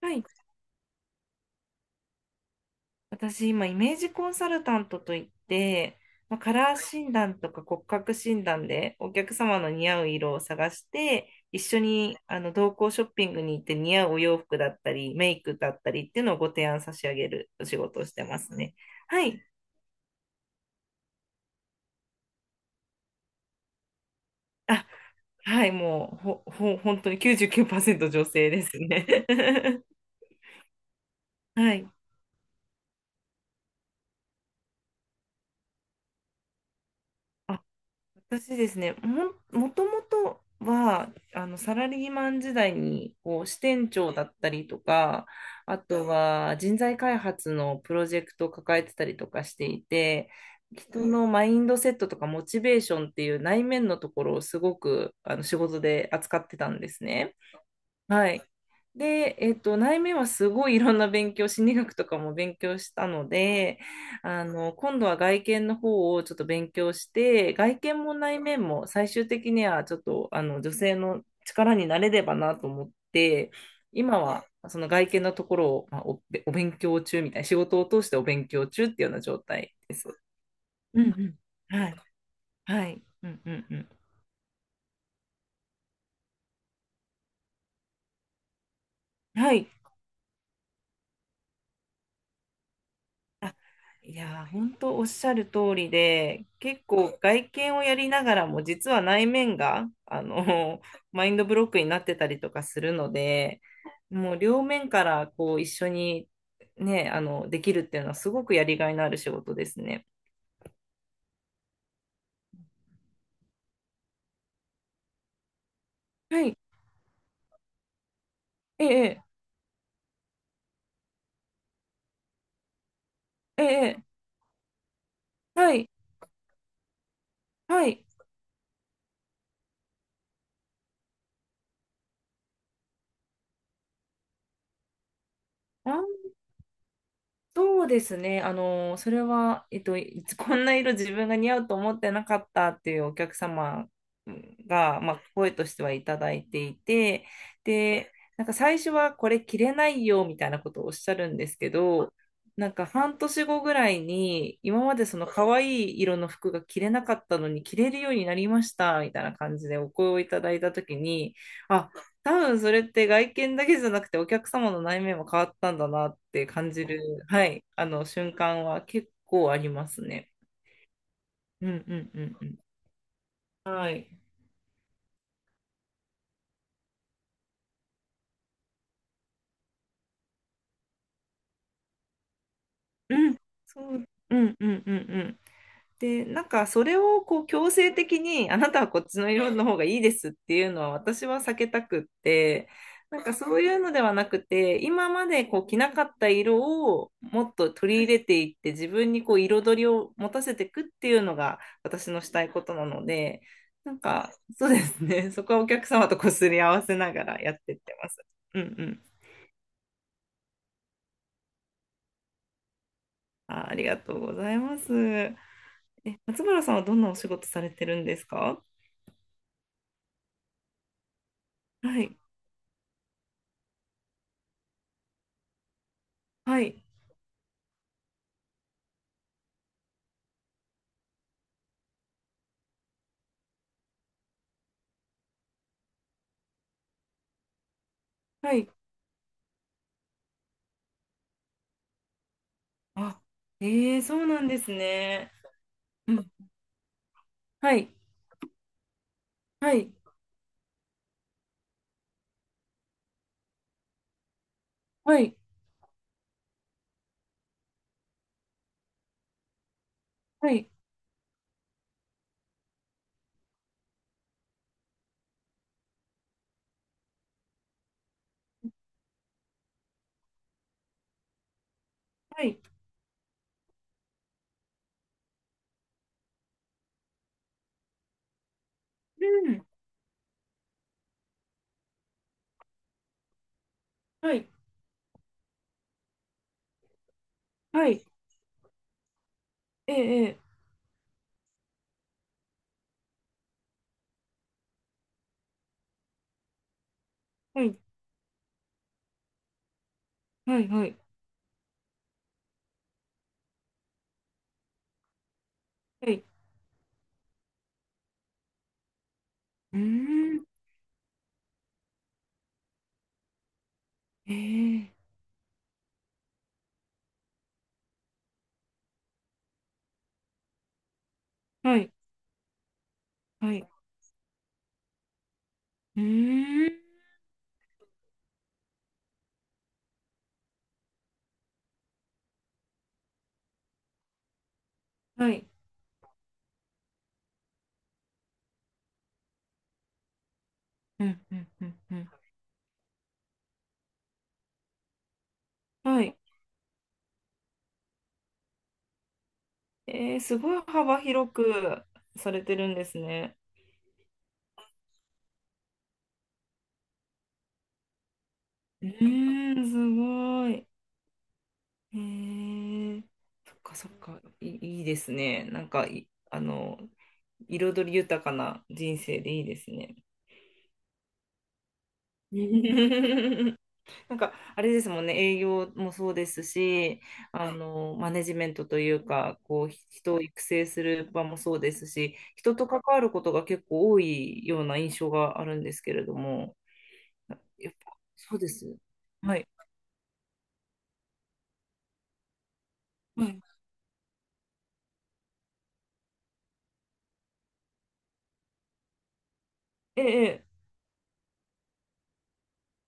はい。私、今、イメージコンサルタントといって、まあ、カラー診断とか骨格診断でお客様の似合う色を探して、一緒に同行ショッピングに行って似合うお洋服だったり、メイクだったりっていうのをご提案差し上げるお仕事をしてますね。はい。あ、はい。もう、本当に99%女性ですね。はい。あ、私ですね、もともとは、サラリーマン時代に、こう、支店長だったりとか、あとは人材開発のプロジェクトを抱えてたりとかしていて、人のマインドセットとかモチベーションっていう内面のところをすごく、仕事で扱ってたんですね。はい。で、内面はすごいいろんな勉強、心理学とかも勉強したので、今度は外見の方をちょっと勉強して、外見も内面も最終的にはちょっと、女性の力になれればなと思って、今はその外見のところを、まあ、お勉強中みたいな、仕事を通してお勉強中っていうような状態です。うんうん。はい。はい。うんうんうん。はい。いやー、本当おっしゃる通りで、結構外見をやりながらも、実は内面が、マインドブロックになってたりとかするので、もう両面からこう一緒にね、できるっていうのはすごくやりがいのある仕事ですね。はい。ええ、ええ、はい、はい、はい。あ、そうですね。それは、こんな色自分が似合うと思ってなかったっていうお客様が、まあ、声としてはいただいていて、で、なんか最初はこれ着れないよみたいなことをおっしゃるんですけど、なんか半年後ぐらいに、今までその可愛い色の服が着れなかったのに着れるようになりましたみたいな感じでお声をいただいたときに、あ、多分それって外見だけじゃなくてお客様の内面も変わったんだなって感じる、はい、あの瞬間は結構ありますね。うんうんうんうん。はい。うん。そう。うんうんうんうん。で、なんかそれをこう強制的にあなたはこっちの色の方がいいですっていうのは私は避けたくって、なんかそういうのではなくて、今までこう着なかった色をもっと取り入れていって自分にこう彩りを持たせていくっていうのが私のしたいことなので、なんかそうですね、そこはお客様とこすり合わせながらやっていってます。うんうん。あ、ありがとうございます。松原さんはどんなお仕事されてるんですか？はい。はい。はい。あ、ええ、そうなんですね。うん。はい。はい。はい。はい。はい。うん。はい。はい。ええええはい。はい。はい。はい。うーん。ええはい。はい。うーん。はい。うん。うん。うん。うんはい。ええ、すごい幅広くされてるんですね。うーん、すごい。ええ、そっかそっか。いい、いいですね。なんかい、あの、彩り豊かな人生でいいですね。なんか、あれですもんね、営業もそうですし、マネジメントというか、こう、人を育成する場もそうですし、人と関わることが結構多いような印象があるんですけれども、やっぱ、そうです。はい。はいええ、ええ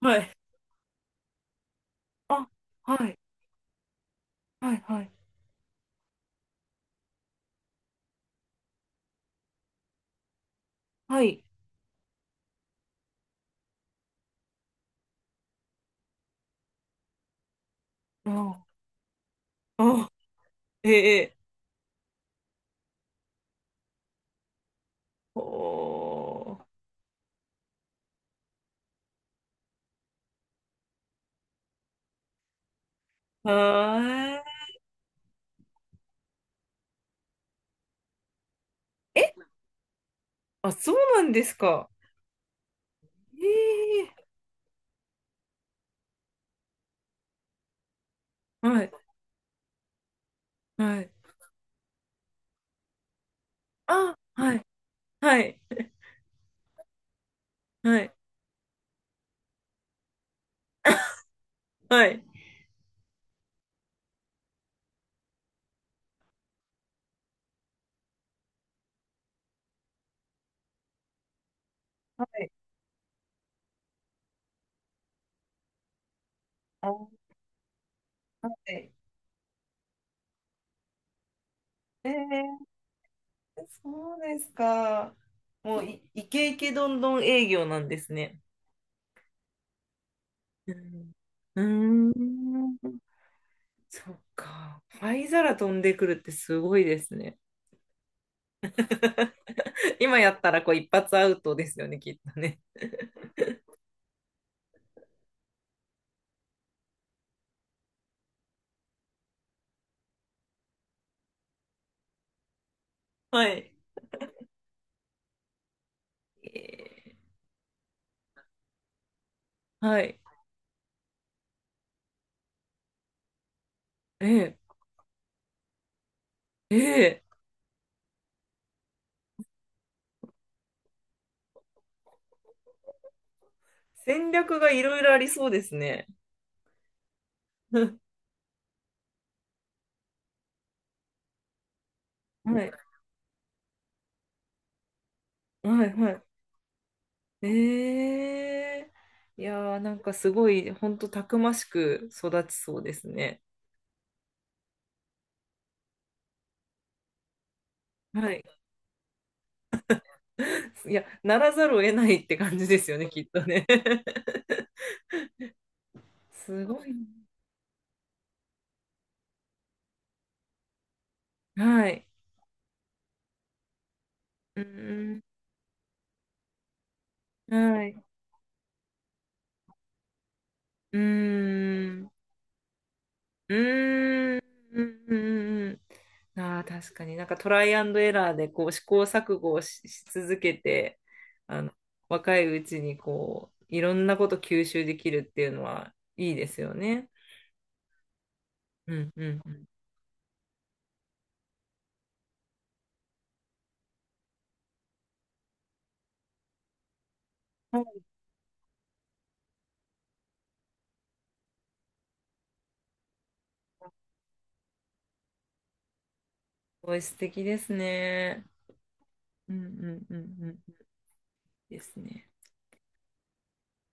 はい。あ、はい、はい、はい、はい。あ、あ、ええ、ええおー、はーい。あ、そうなんですか。ええはい、はい。あ、はい、はい、はい、はい。はい、あ、はい。えー、そうですか。もうイケイケどんどん営業なんですね。うん。うーん。そっか。灰皿飛んでくるってすごいですね。今やったらこう一発アウトですよね、きっとね。はい。えーはい。ええええ、戦略がいろいろありそうですね。はい、はい、はい。ええ、いやー、なんかすごい、ほんとたくましく育ちそうですね。はい。いや、ならざるを得ないって感じですよね、きっとね。すごい。はい。うん。はい。うん。うん。うん。うん、ああ、確かになんかトライアンドエラーでこう試行錯誤をし続けて、あの、若いうちにこう、いろんなこと吸収できるっていうのはいいですよね。うんうんうん。すごい素敵ですね。うんうんうんうん。いいですね。